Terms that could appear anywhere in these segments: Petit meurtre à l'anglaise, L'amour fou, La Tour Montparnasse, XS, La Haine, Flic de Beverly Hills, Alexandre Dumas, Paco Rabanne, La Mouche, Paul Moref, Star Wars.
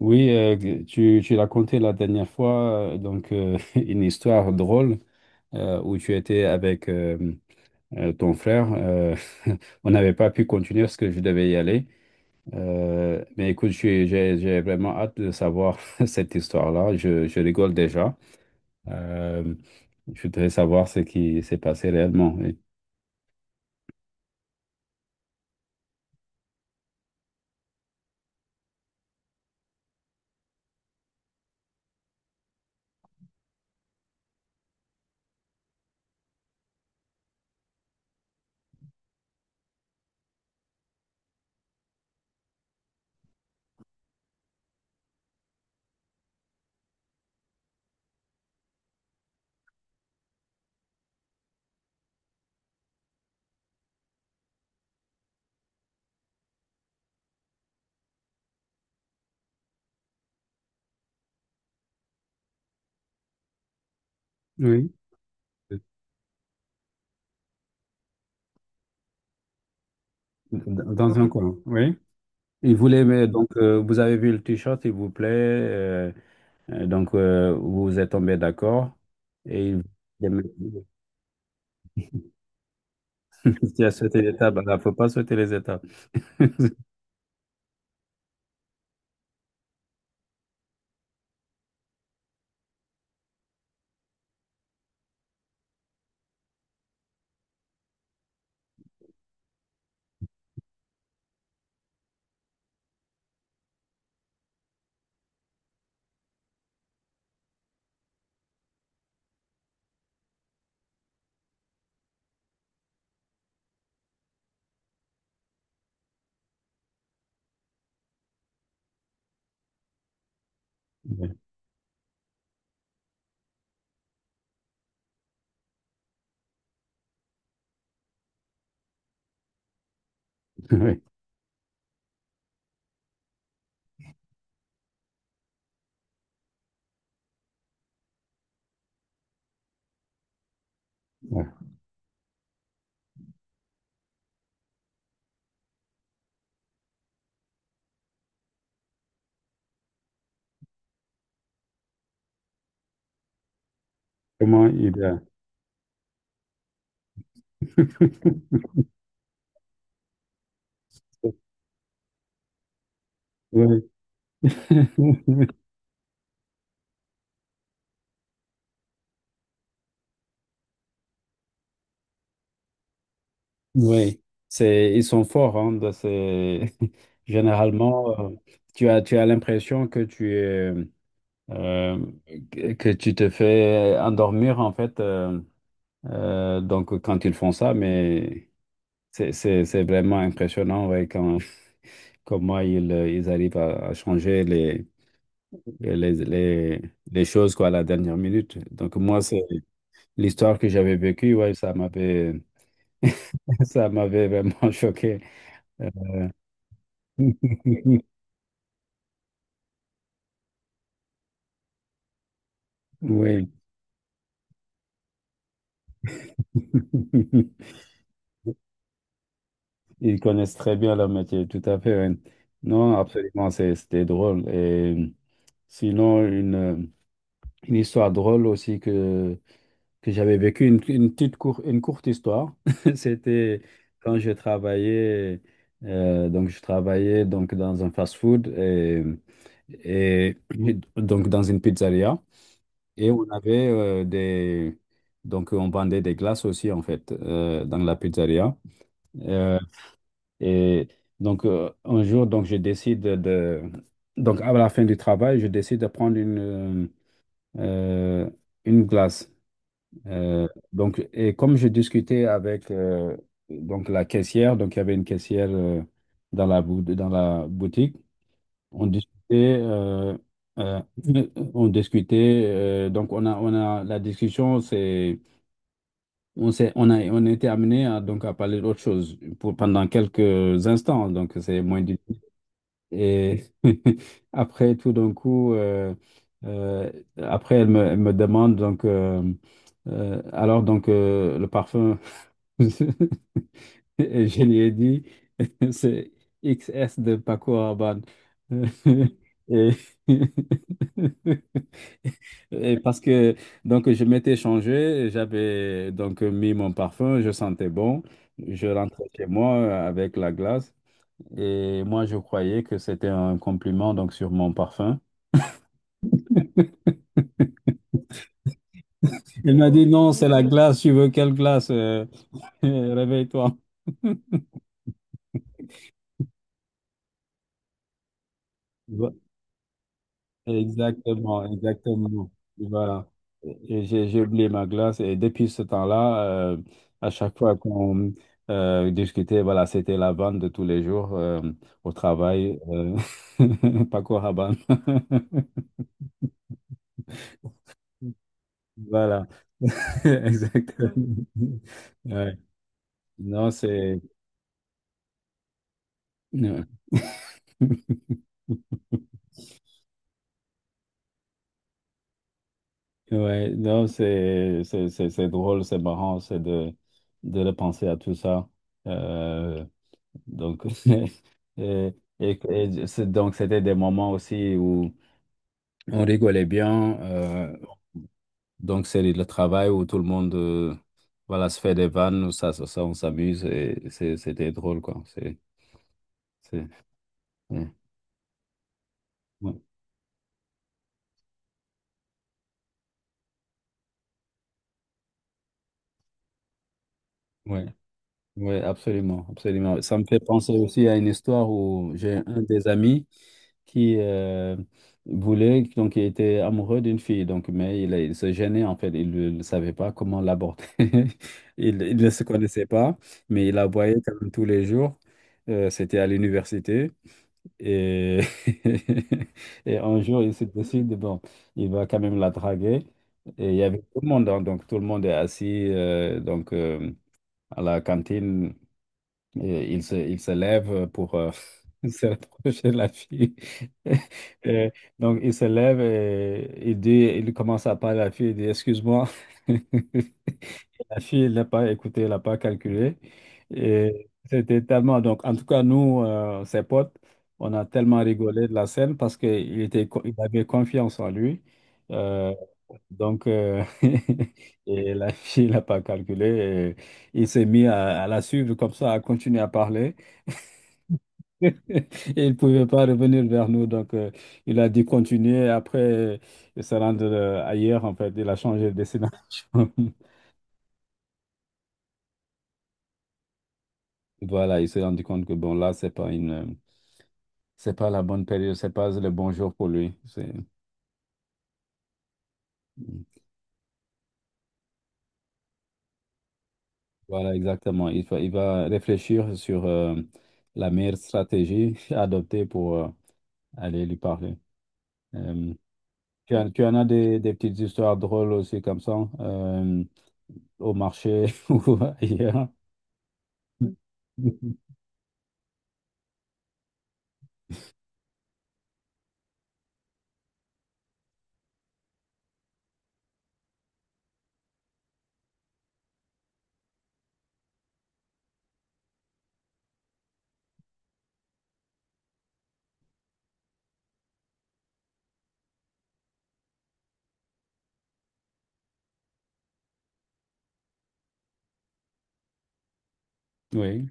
Oui, tu l'as conté la dernière fois, une histoire drôle où tu étais avec ton frère. On n'avait pas pu continuer parce que je devais y aller. Mais écoute, j'ai vraiment hâte de savoir cette histoire-là. Je rigole déjà. Euh, je voudrais savoir ce qui s'est passé réellement. Oui. Oui. Dans un coin, oui. Il voulait, mais donc, vous avez vu le t-shirt, il vous plaît. Donc, vous vous êtes tombé d'accord et il il y a sauté les étapes. Il ne faut pas sauter les étapes. Oui. Oui. Ouais. Comment il a... Oui. Oui. C'est, ils sont forts, hein, dans généralement, tu as l'impression que euh, que tu te fais endormir, en fait, donc quand ils font ça, mais c'est vraiment impressionnant, ouais, quand, comment ils arrivent à changer les, les, les choses quoi, à la dernière minute. Donc moi, c'est l'histoire que j'avais vécue, ouais, ça m'avait ça m'avait vraiment choqué. Euh, Oui, ils connaissent très bien leur métier, tout à fait. Ouais. Non, absolument, c'était drôle. Et sinon, une histoire drôle aussi que j'avais vécu, une courte histoire. C'était quand je travaillais, donc je travaillais donc dans un fast-food et donc dans une pizzeria. Et on avait des... Donc on vendait des glaces aussi en fait, dans la pizzeria. Euh, et donc, un jour, donc je décide de... Donc à la fin du travail, je décide de prendre euh, une glace. Euh, donc, et comme je discutais avec donc la caissière, donc il y avait une caissière dans dans la boutique, on discutait, euh, on discutait, donc on a la discussion, c'est, on a été amené à, donc à parler d'autre chose pour, pendant quelques instants, donc c'est moins du. Et après, tout d'un coup, euh, après, elle me demande donc. Alors donc le parfum. Et je lui ai dit, c'est XS de Paco Rabanne. Et, et parce que donc je m'étais changé, j'avais donc mis mon parfum, je sentais bon. Je rentrais chez moi avec la glace et moi je croyais que c'était un compliment donc sur mon parfum. Il m'a dit non, c'est la glace, tu veux quelle glace? Réveille-toi. Exactement, exactement. Voilà. Et j'ai oublié ma glace et depuis ce temps-là, euh, à chaque fois qu'on discutait, voilà, c'était la vanne de tous les jours au travail. Paco Rabanne. Voilà. Exactement. Ouais. Non, c'est... Ouais, non, c'est drôle, c'est marrant, c'est de repenser à tout ça. Euh, Donc, et, et- et donc c'était des moments aussi où on rigolait bien. Donc, c'est le travail où tout le monde, voilà, se fait des vannes, où on s'amuse et c'était drôle, quoi. C'est, ouais, ouais, ouais, ouais, absolument, absolument. Ça me fait penser aussi à une histoire où j'ai un des amis qui voulait, donc il était amoureux d'une fille, donc, mais il se gênait en fait, il savait pas comment l'aborder. Il ne se connaissait pas, mais il la voyait quand même tous les jours. C'était à l'université et... et un jour il se décide, bon, il va quand même la draguer. Et il y avait tout le monde, hein, donc tout le monde est assis à la cantine et il se lève pour se rapprocher de la fille. Et donc, il se lève et il dit, il commence à parler à la fille, il dit, excuse-moi. La fille, elle n'a pas écouté, elle n'a pas calculé. Et c'était tellement... Donc, en tout cas, nous, ses potes, on a tellement rigolé de la scène parce qu'il était, il avait confiance en lui. Euh, donc, et la fille n'a pas calculé. Et il s'est mis à la suivre comme ça, à continuer à parler. Et il ne pouvait pas revenir vers nous. Donc, il a dit continuer. Après, il se rendre ailleurs, en fait. Il a changé de destination. Voilà, il s'est rendu compte que, bon, là, c'est pas c'est pas la bonne période, c'est pas le bon jour pour lui. Voilà, exactement. Il va réfléchir sur la meilleure stratégie à adopter pour aller lui parler. Euh, tu en as des petites histoires drôles aussi comme ça, euh, au marché ou ailleurs. Oui,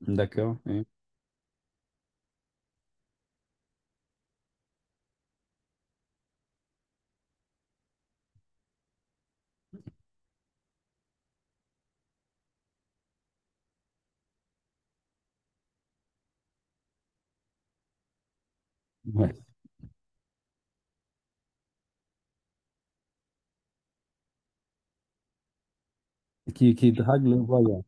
d'accord. Oui. Ouais. Qui drague le voyant.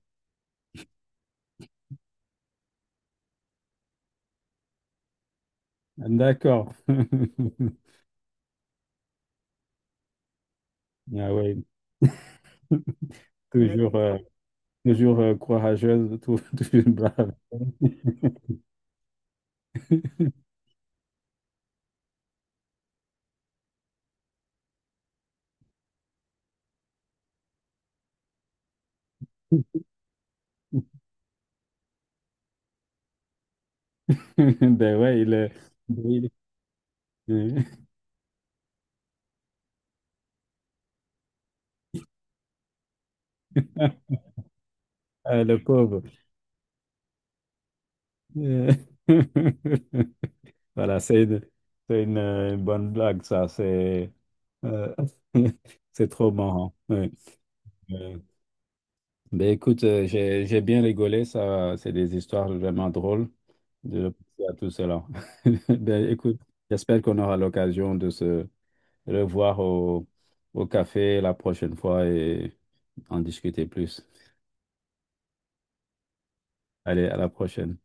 D'accord. Ah oui. Ouais. Toujours, toujours courageuse, toujours brave. Ben ouais, il est, il- le pauvre. Euh, Voilà, c'est une bonne blague, ça. C'est euh, c'est trop marrant. Ouais. Euh, ben écoute, j'ai bien rigolé. Ça, c'est des histoires vraiment drôles de penser à tout cela. Ben écoute, j'espère qu'on aura l'occasion de se revoir au, au café la prochaine fois et en discuter plus. Allez, à la prochaine.